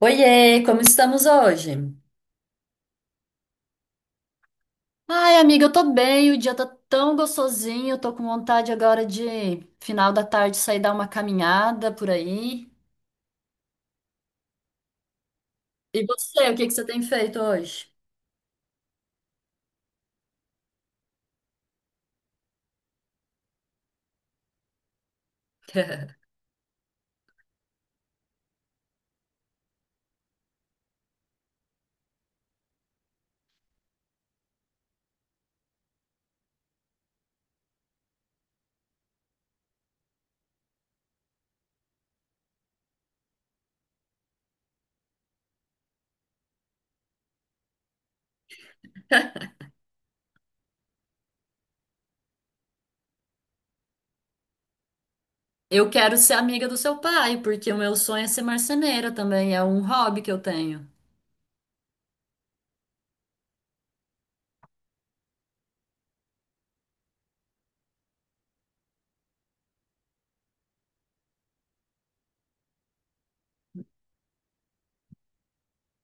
Oiê, como estamos hoje? Ai, amiga, eu tô bem, o dia tá tão gostosinho, eu tô com vontade agora de final da tarde sair dar uma caminhada por aí. E você, o que que você tem feito hoje? Eu quero ser amiga do seu pai, porque o meu sonho é ser marceneira também, é um hobby que eu tenho.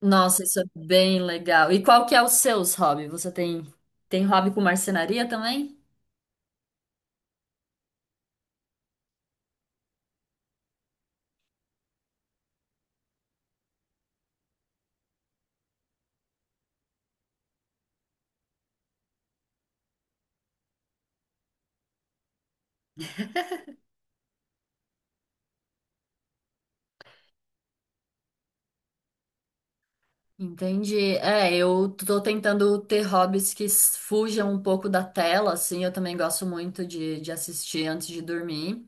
Nossa, isso é bem legal. E qual que é o seu hobby? Você tem hobby com marcenaria também? Entendi. É, eu tô tentando ter hobbies que fujam um pouco da tela, assim. Eu também gosto muito de assistir antes de dormir.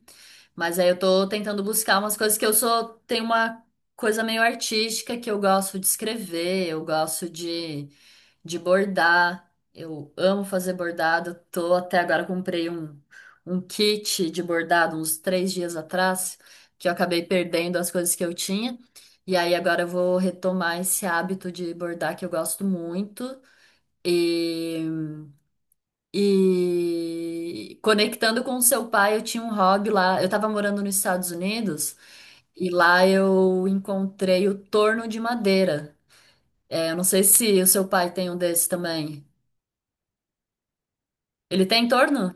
Mas aí eu tô tentando buscar umas coisas que eu sou. Tem uma coisa meio artística que eu gosto de escrever, eu gosto de bordar. Eu amo fazer bordado. Tô até agora comprei um kit de bordado uns 3 dias atrás, que eu acabei perdendo as coisas que eu tinha. E aí agora eu vou retomar esse hábito de bordar que eu gosto muito. E, e conectando com o seu pai, eu tinha um hobby lá. Eu tava morando nos Estados Unidos e lá eu encontrei o torno de madeira. É, eu não sei se o seu pai tem um desse também. Ele tem torno?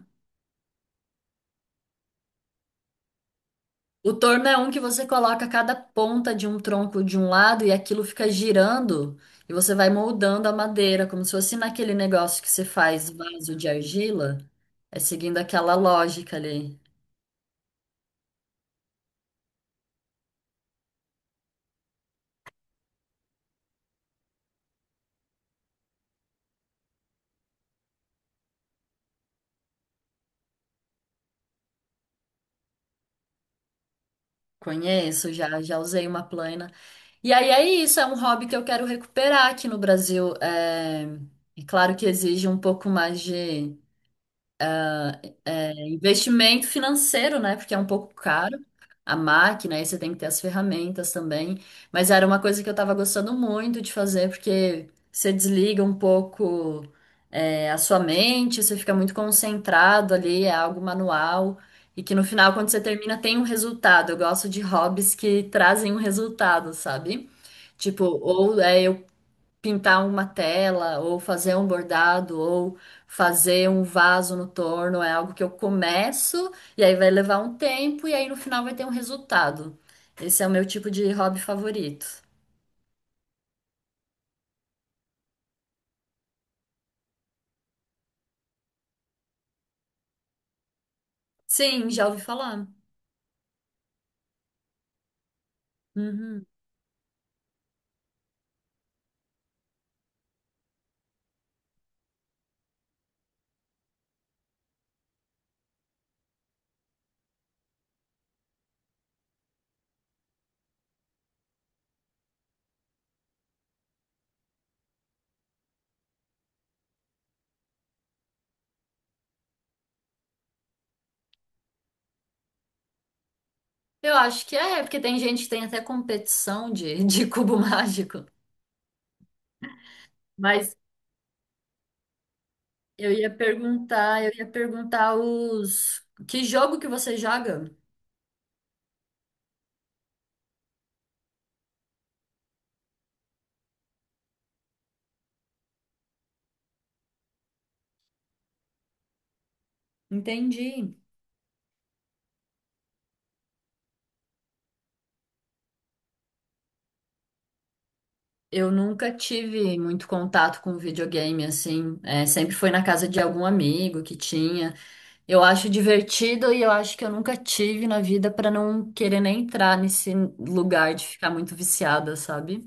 O torno é um que você coloca cada ponta de um tronco de um lado e aquilo fica girando e você vai moldando a madeira, como se fosse naquele negócio que você faz vaso de argila. É seguindo aquela lógica ali. Conheço, já usei uma plana. E aí é isso, é um hobby que eu quero recuperar aqui no Brasil. É, é claro que exige um pouco mais de... É investimento financeiro, né? Porque é um pouco caro a máquina, aí você tem que ter as ferramentas também. Mas era uma coisa que eu tava gostando muito de fazer, porque você desliga um pouco, é, a sua mente, você fica muito concentrado ali, é algo manual. E que no final, quando você termina, tem um resultado. Eu gosto de hobbies que trazem um resultado, sabe? Tipo, ou é eu pintar uma tela, ou fazer um bordado, ou fazer um vaso no torno, é algo que eu começo e aí vai levar um tempo e aí no final vai ter um resultado. Esse é o meu tipo de hobby favorito. Sim, já ouvi falar. Uhum. Eu acho que é, porque tem gente que tem até competição de cubo mágico. Mas eu ia perguntar os que jogo que você joga? Entendi. Eu nunca tive muito contato com videogame, assim. É, sempre foi na casa de algum amigo que tinha. Eu acho divertido e eu acho que eu nunca tive na vida pra não querer nem entrar nesse lugar de ficar muito viciada, sabe?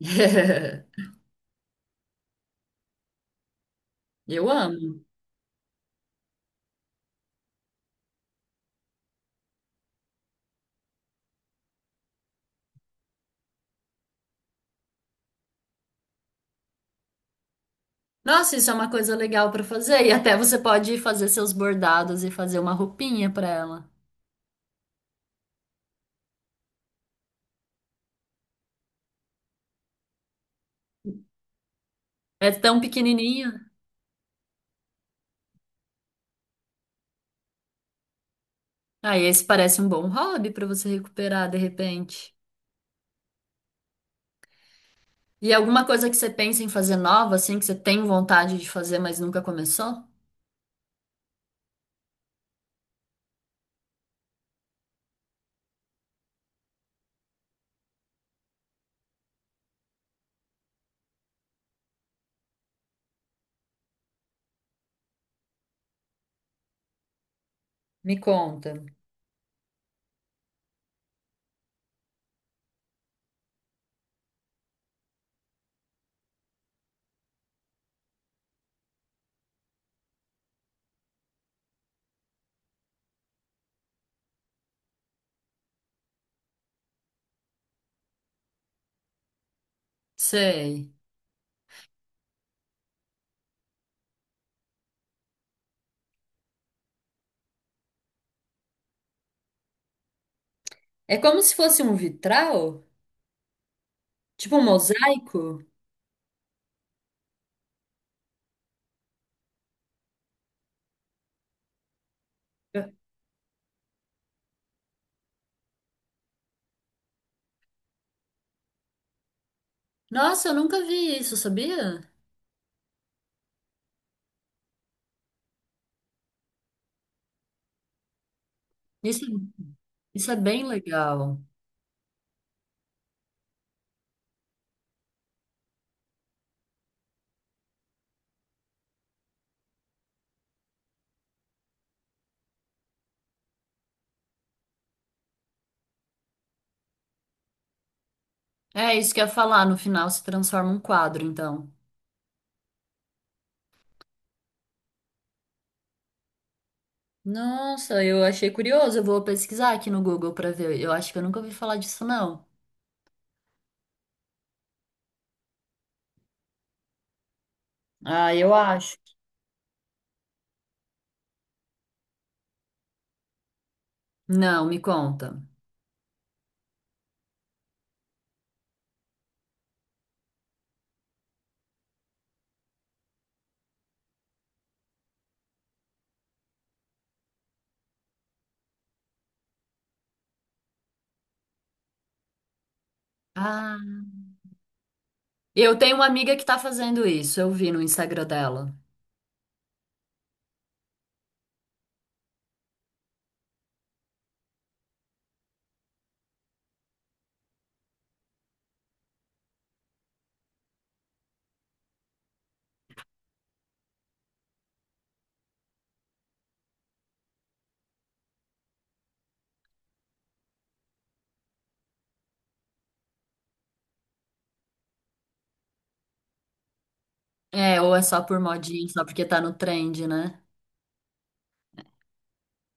Eu amo. Nossa, isso é uma coisa legal pra fazer. E até você pode fazer seus bordados e fazer uma roupinha pra ela. É tão pequenininho. Aí esse parece um bom hobby pra você recuperar de repente. E alguma coisa que você pensa em fazer nova, assim, que você tem vontade de fazer, mas nunca começou? Me conta. Sei. É como se fosse um vitral? Tipo um mosaico? Nossa, eu nunca vi isso, sabia? Isso, isso é bem legal. É isso que eu ia falar, no final se transforma um quadro, então. Nossa, eu achei curioso. Eu vou pesquisar aqui no Google pra ver. Eu acho que eu nunca ouvi falar disso, não. Ah, eu acho. Não, me conta. Ah. Eu tenho uma amiga que tá fazendo isso, eu vi no Instagram dela. É, ou é só por modinha, só porque tá no trend, né?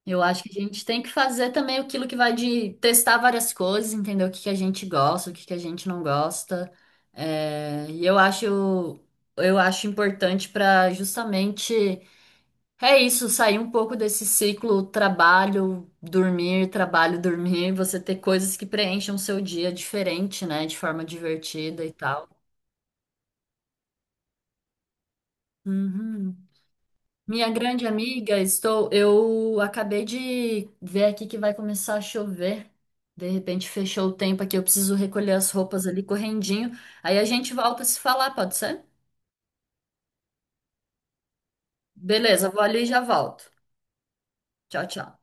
Eu acho que a gente tem que fazer também aquilo que vai de testar várias coisas, entender o que que a gente gosta, o que que a gente não gosta. É, e eu acho importante para justamente, é isso, sair um pouco desse ciclo trabalho, dormir, você ter coisas que preencham o seu dia diferente, né, de forma divertida e tal. Uhum. Minha grande amiga, estou. Eu acabei de ver aqui que vai começar a chover. De repente fechou o tempo aqui, eu preciso recolher as roupas ali correndinho. Aí a gente volta a se falar, pode ser? Beleza, vou ali e já volto. Tchau, tchau.